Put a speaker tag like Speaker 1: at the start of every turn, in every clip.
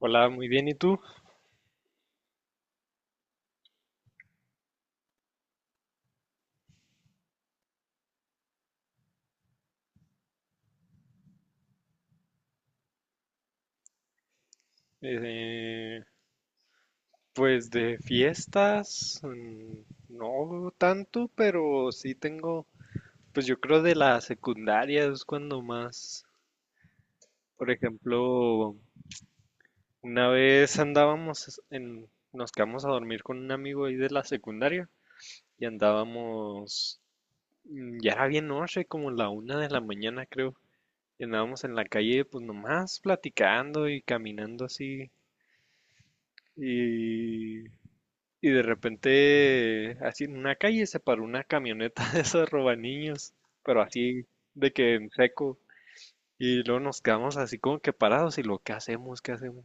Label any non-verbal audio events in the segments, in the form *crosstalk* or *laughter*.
Speaker 1: Hola, muy bien, ¿y tú? Eh, pues de fiestas, no tanto, pero sí tengo, pues yo creo de la secundaria es cuando más, por ejemplo, una vez nos quedamos a dormir con un amigo ahí de la secundaria y andábamos, ya era bien noche, como la una de la mañana creo, y andábamos en la calle pues nomás platicando y caminando así. Y Y de repente, así en una calle se paró una camioneta *laughs* de esos robaniños, pero así de que en seco. Y luego nos quedamos así como que parados ¿qué hacemos? ¿Qué hacemos?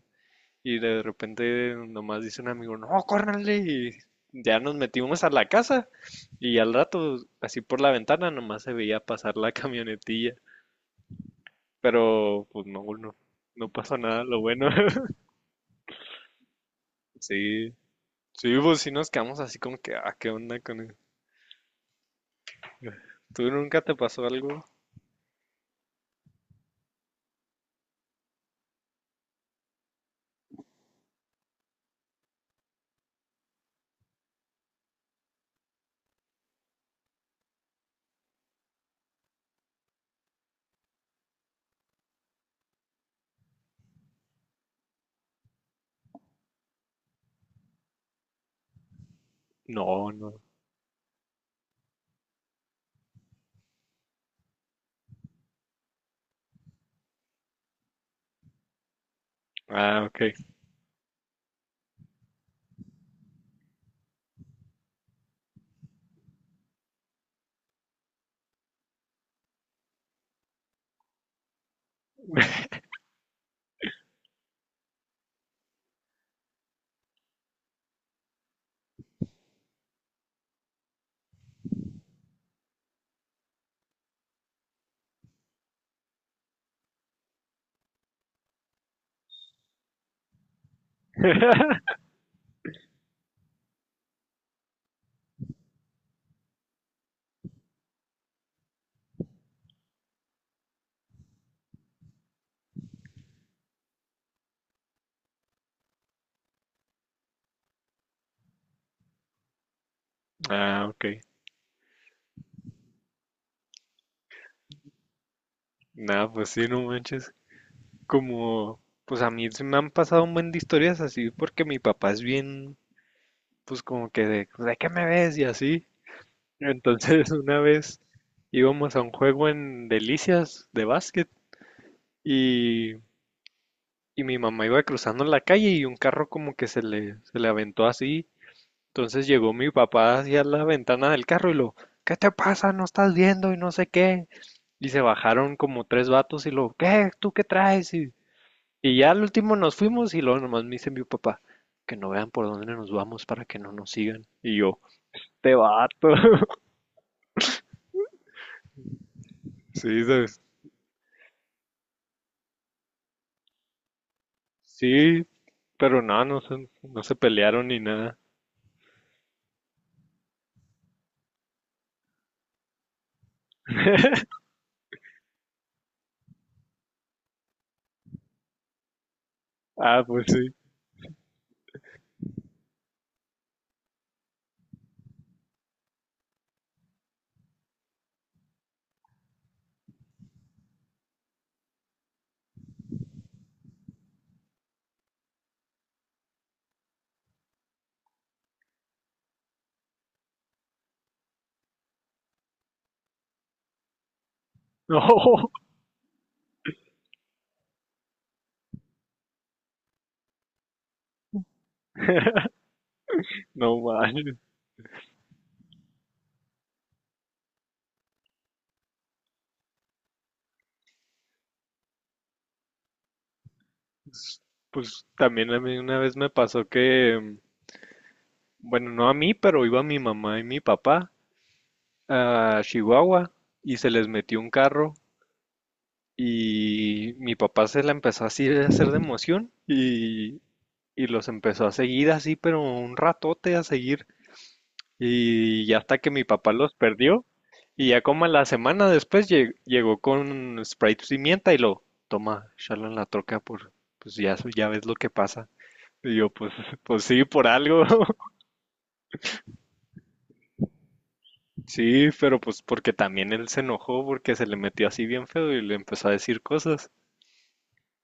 Speaker 1: Y de repente nomás dice un amigo, no, córranle. Y ya nos metimos a la casa y al rato, así por la ventana, nomás se veía pasar la *laughs* camionetilla. Pero pues no pasó nada, lo bueno. *laughs* Sí, sí, pues sí nos quedamos así como que, ah, ¿qué onda con él? ¿Tú nunca te pasó algo? No, no. Ah, ok. *laughs* Ah, ok. Nada, pues sí, no manches. Como, pues a mí se me han pasado un buen de historias así porque mi papá es bien, pues como que de, "Pues, ¿de qué me ves?" Y así. Entonces *laughs* una vez íbamos a un juego en Delicias de básquet y, y mi mamá iba cruzando la calle y un carro como que se le aventó así. Entonces llegó mi papá hacia la ventana del carro ¿qué te pasa? No estás viendo y no sé qué. Y se bajaron como tres vatos ¿qué? ¿Tú qué traes? Y ya al último nos fuimos y luego nomás me dice mi papá, que no vean por dónde nos vamos para que no nos sigan. Y yo, te vato. *laughs* Sí, ¿sabes? Sí, pero no, no se pelearon ni nada. *laughs* Ah, pues sí. No, *laughs* no manches. Pues también a mí una vez me pasó que bueno, no a mí, pero iba mi mamá y mi papá a Chihuahua y se les metió un carro y mi papá se la empezó así a hacer de emoción y los empezó a seguir así, pero un ratote a seguir, y ya hasta que mi papá los perdió y ya como a la semana después llegó con Sprite pimienta y lo toma, échalo en la troca por, pues ya, ya ves lo que pasa. Y yo, pues, pues sí, por algo. *laughs* Sí, pero pues porque también él se enojó porque se le metió así bien feo y le empezó a decir cosas.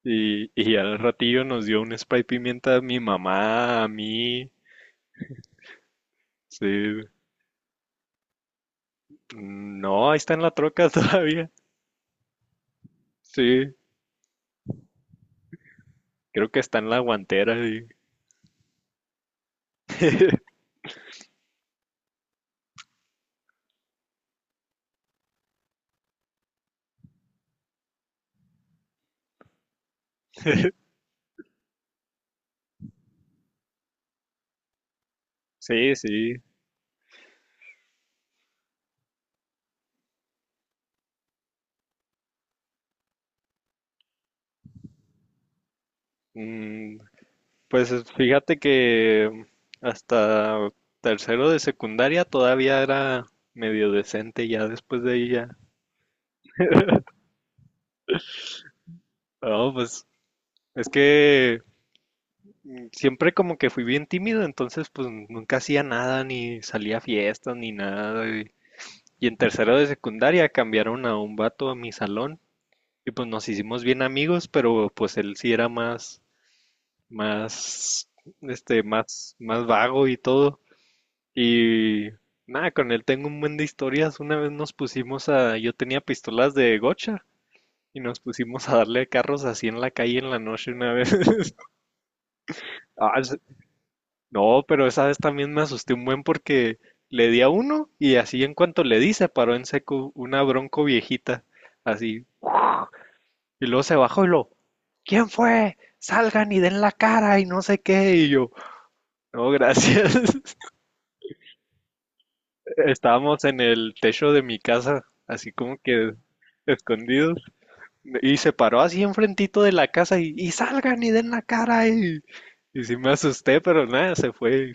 Speaker 1: Y al ratillo nos dio un spray pimienta a mi mamá, a mí. Sí. No, ahí está en la troca *laughs* todavía. Sí, creo que está en la guantera. Sí, *laughs* sí. Sí. Mm, pues fíjate que hasta tercero de secundaria todavía era medio decente, ya después de ahí ya. No, pues es que siempre como que fui bien tímido, entonces pues nunca hacía nada, ni salía a fiestas, ni nada. Y en tercero de secundaria cambiaron a un vato a mi salón y pues nos hicimos bien amigos, pero pues él sí era más, este, más vago y todo. Y nada, con él tengo un buen de historias. Una vez nos pusimos a, yo tenía pistolas de gocha y nos pusimos a darle carros así en la calle en la noche una vez. *laughs* Ah, no, pero esa vez también me asusté un buen porque le di a uno, y así en cuanto le di se paró en seco una bronco viejita, así. Y luego se bajó ¿quién fue? Salgan y den la cara y no sé qué. Y yo, no, gracias. *laughs* Estábamos en el techo de mi casa, así como que escondidos. Y se paró así enfrentito de la casa y salgan y den la cara. Y sí me asusté, pero nada, se fue.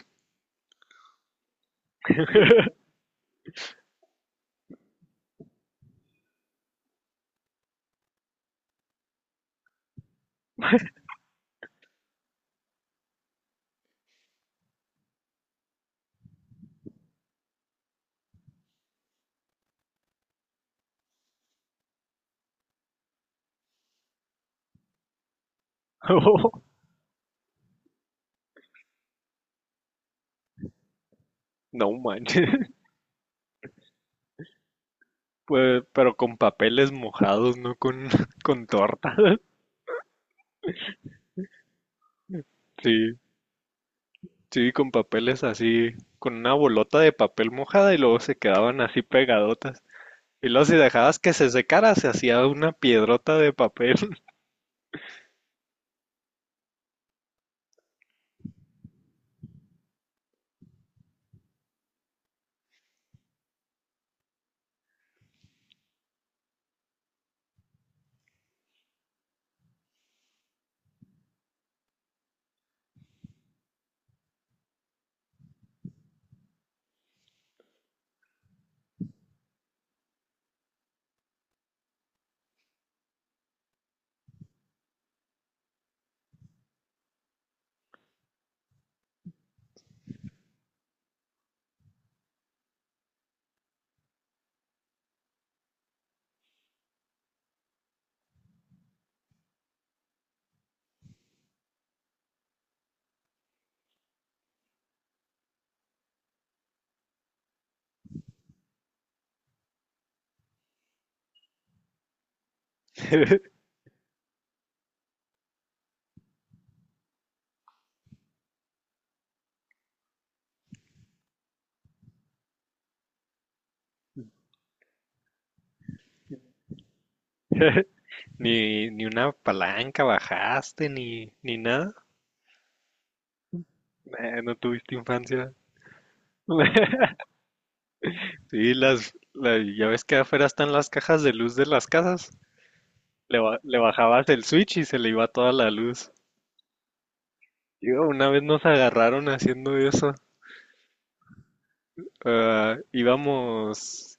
Speaker 1: *laughs* No manches. Pues, pero con papeles mojados, no con, *laughs* con torta. Sí, sí, con papeles así, con una bolota de papel mojada y luego se quedaban así pegadotas. Y luego si dejabas que se secara, se hacía una piedrota de papel. *laughs* Ni una palanca bajaste, ni nada. No tuviste infancia. *laughs* Sí, ya ves que afuera están las cajas de luz de las casas. Le, le bajabas el switch y se le iba toda la luz. Yo, una vez nos agarraron haciendo eso. Ah, íbamos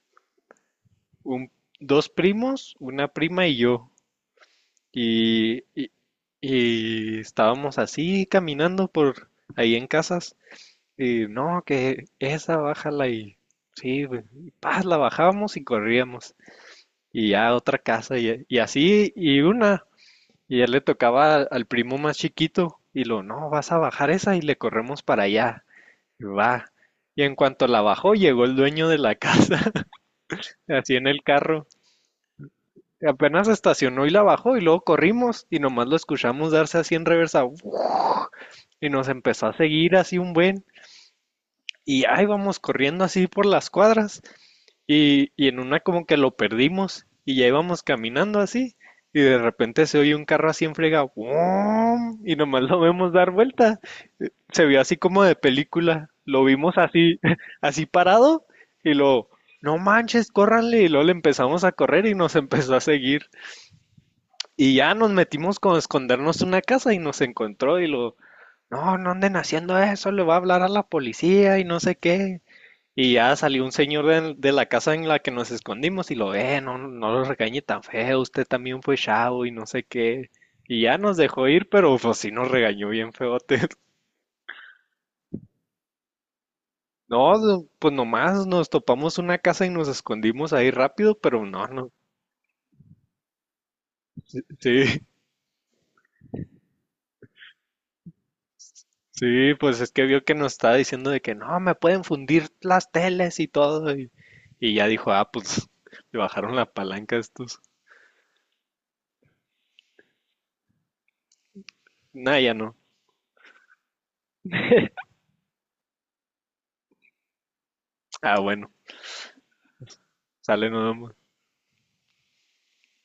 Speaker 1: un, dos primos, una prima y yo. Y, y, y estábamos así caminando por ahí en casas. Y no, que esa bájala y sí, güey, y paz, la bajábamos y corríamos. Y ya otra casa y así y una. Y ya le tocaba al, primo más chiquito. Y lo, no, vas a bajar esa y le corremos para allá. Va. Y en cuanto la bajó, llegó el dueño de la casa, *laughs* así en el carro. Apenas estacionó y la bajó y luego corrimos y nomás lo escuchamos darse así en reversa. *laughs* Y nos empezó a seguir así un buen. Y ahí vamos corriendo así por las cuadras y en una como que lo perdimos y ya íbamos caminando así y de repente se oye un carro así en frega ¡guam! Y nomás lo vemos dar vuelta, se vio así como de película. Lo vimos así, *laughs* así parado y lo, no manches, córranle. Y luego le empezamos a correr y nos *laughs* empezó a seguir. Y ya nos metimos con escondernos en una casa y nos encontró y lo, no, no anden haciendo eso, le va a hablar a la policía y no sé qué. Y ya salió un señor de la casa en la que nos escondimos y lo, no, no lo regañe tan feo, usted también fue chavo y no sé qué. Y ya nos dejó ir, pero pues sí nos regañó bien feote. No, no, pues nomás nos topamos una casa y nos escondimos ahí rápido, pero no, no. Sí, sí, pues es que vio que nos estaba diciendo de que no, me pueden fundir las teles y todo. Y ya dijo, ah, pues *laughs* le bajaron la palanca a estos. Nah, ya no. Ah, bueno, sale nomás.